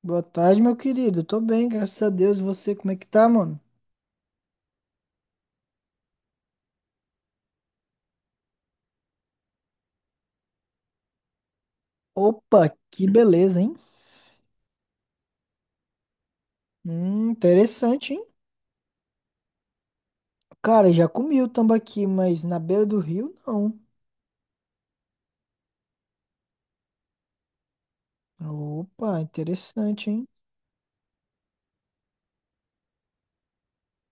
Boa tarde, meu querido. Tô bem, graças a Deus. E você, como é que tá, mano? Opa, que beleza, hein? Interessante, hein? Cara, já comi o tambaqui, mas na beira do rio, não. Opa, interessante, hein?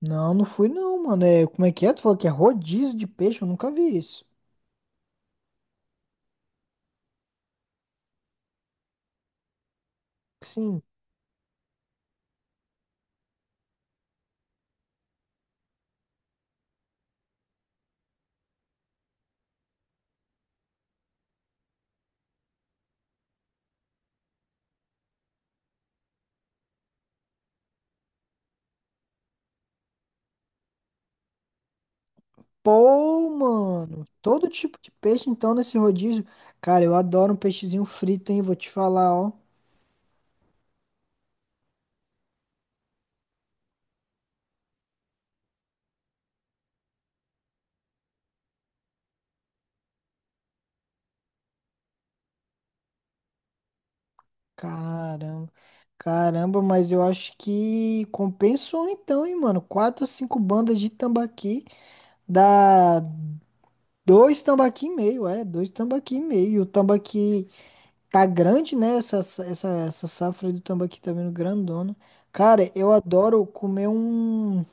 Não, não fui não, mano. É, como é que é? Tu falou que é rodízio de peixe? Eu nunca vi isso. Sim. Pô, mano. Todo tipo de peixe, então, nesse rodízio. Cara, eu adoro um peixezinho frito, hein? Vou te falar, ó. Caramba. Caramba, mas eu acho que compensou então, hein, mano? Quatro, cinco bandas de tambaqui dá dois tambaqui e meio, é, dois tambaqui e meio. E o tambaqui tá grande, né? Essa safra aí do tambaqui tá vindo grandona. Cara, eu adoro comer um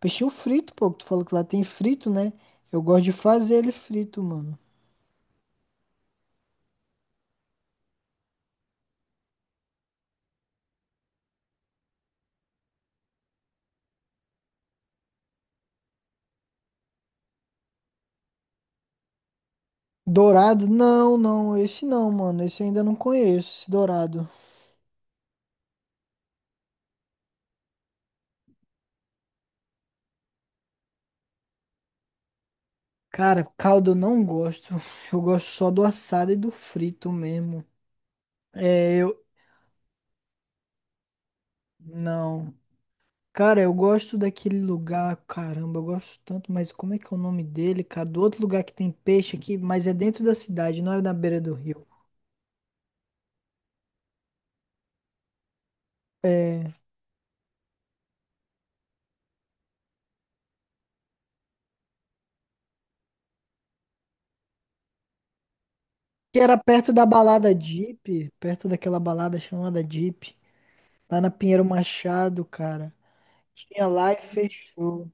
peixinho frito, pô. Que Tu falou que lá tem frito, né? Eu gosto de fazer ele frito, mano. Dourado? Não, não, esse não, mano. Esse eu ainda não conheço, esse dourado. Cara, caldo eu não gosto. Eu gosto só do assado e do frito mesmo. É, eu. Não. Cara, eu gosto daquele lugar. Caramba, eu gosto tanto, mas como é que é o nome dele, cara? Do outro lugar que tem peixe aqui, mas é dentro da cidade, não é na beira do rio. É. Que era perto da balada Jeep, perto daquela balada chamada Jeep, lá na Pinheiro Machado, cara. Tinha lá e fechou.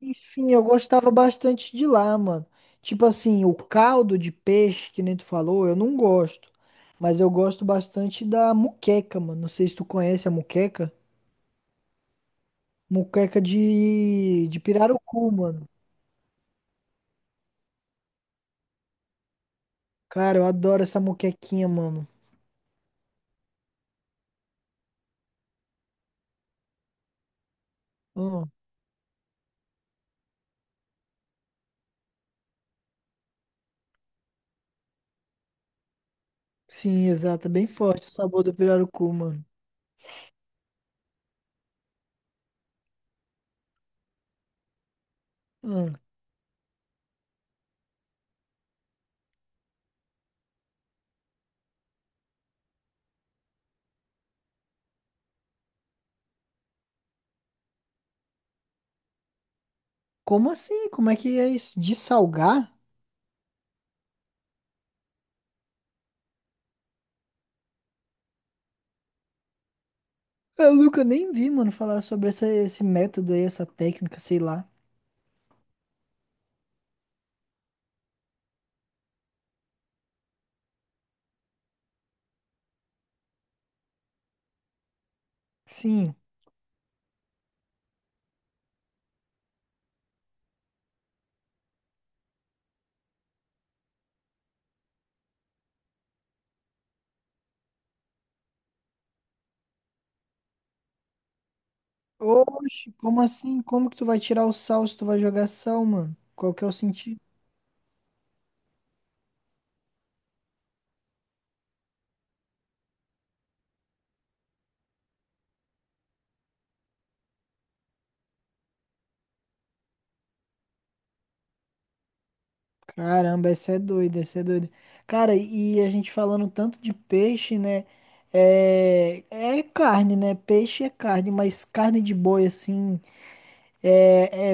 Enfim, eu gostava bastante de lá, mano. Tipo assim, o caldo de peixe, que nem tu falou, eu não gosto. Mas eu gosto bastante da muqueca, mano. Não sei se tu conhece a muqueca. Muqueca de pirarucu, mano. Cara, eu adoro essa muquequinha, mano. Hum, sim, exato. É, bem forte o sabor do pirarucu, mano. Hum, como assim? Como é que é isso? De salgar? Eu nunca nem vi, mano, falar sobre essa, esse método aí, essa técnica, sei lá. Sim. Oxe, como assim? Como que tu vai tirar o sal se tu vai jogar sal, mano? Qual que é o sentido? Caramba, essa é doida, essa é doida. Cara, e a gente falando tanto de peixe, né? É carne, né? Peixe é carne, mas carne de boi, assim, é,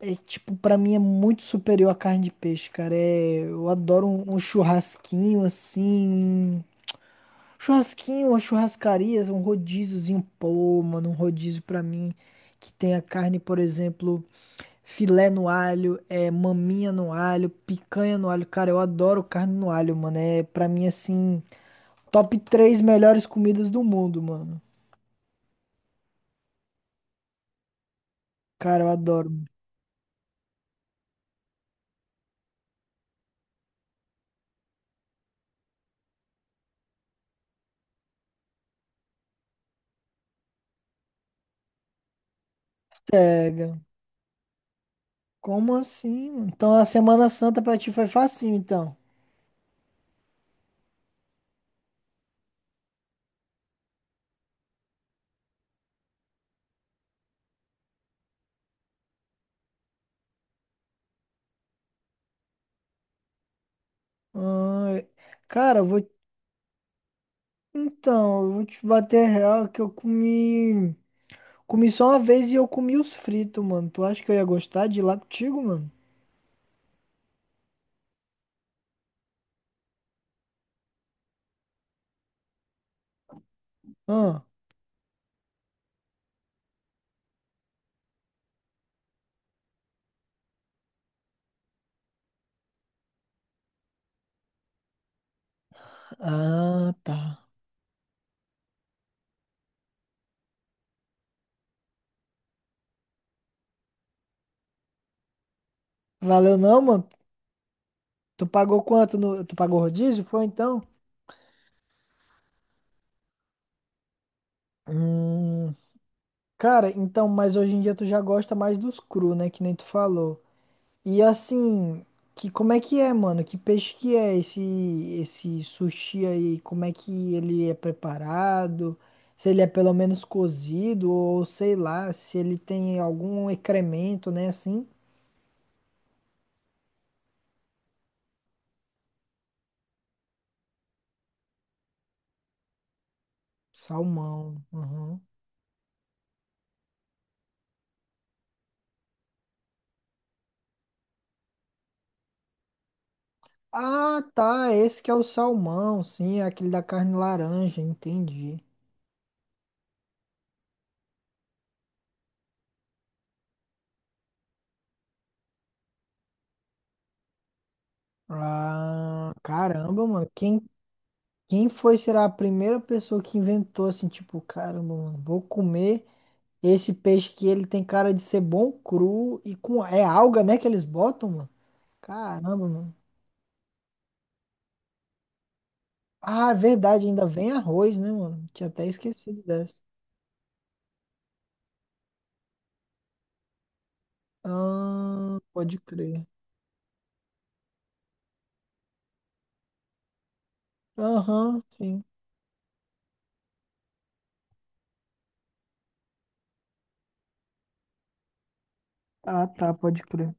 é, tipo, pra mim é muito superior à carne de peixe, cara. É, eu adoro um churrasquinho, assim. Churrasquinho, uma churrascaria, um rodíziozinho, pô, mano, um rodízio pra mim que tenha carne, por exemplo, filé no alho, é, maminha no alho, picanha no alho. Cara, eu adoro carne no alho, mano. É pra mim assim, top três melhores comidas do mundo, mano. Cara, eu adoro. Cega. Como assim, mano? Então a Semana Santa pra ti foi facinho, então. Ah, cara, eu vou. Então, eu vou te bater real que eu comi. Comi só uma vez e eu comi os fritos, mano. Tu acha que eu ia gostar de ir lá contigo, mano? Ah, ah, tá. Valeu não, mano? Tu pagou quanto no... Tu pagou rodízio? Foi então? Hum, cara, então, mas hoje em dia tu já gosta mais dos cru, né? Que nem tu falou. E assim, que como é que é, mano? Que peixe que é esse sushi aí? Como é que ele é preparado? Se ele é pelo menos cozido ou sei lá, se ele tem algum excremento, né? Assim. Salmão. Aham. Ah, tá. Esse que é o salmão, sim, é aquele da carne laranja, entendi. Ah, caramba, mano. Quem foi será a primeira pessoa que inventou assim, tipo, caramba, mano, vou comer esse peixe que ele tem cara de ser bom cru e com é alga, né, que eles botam, mano? Caramba, mano. Ah, é verdade, ainda vem arroz, né, mano? Tinha até esquecido dessa. Ah, pode crer. Aham, sim. Ah, tá, pode crer.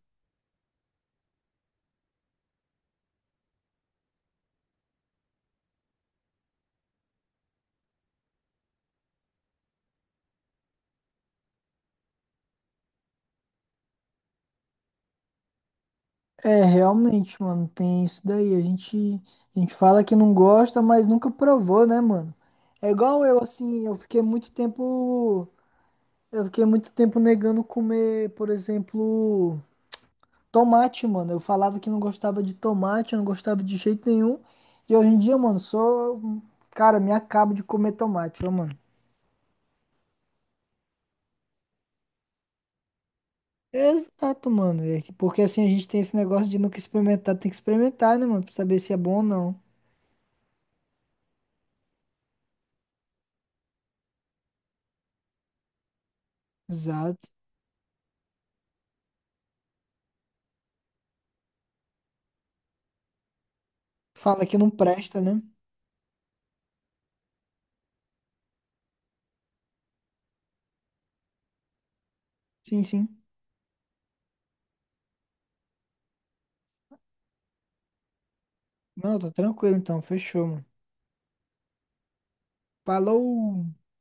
É, realmente, mano, tem isso daí. A gente fala que não gosta, mas nunca provou, né, mano? É igual eu, assim, eu fiquei muito tempo negando comer, por exemplo, tomate, mano. Eu falava que não gostava de tomate, eu não gostava de jeito nenhum. E hoje em dia, mano, sou, cara, me acabo de comer tomate, ó, mano. Exato, mano. Porque assim a gente tem esse negócio de nunca experimentar, tem que experimentar, né, mano, pra saber se é bom ou não. Exato. Fala que não presta, né? Sim, sim. Não, tá tranquilo então. Fechou, mano. Falou!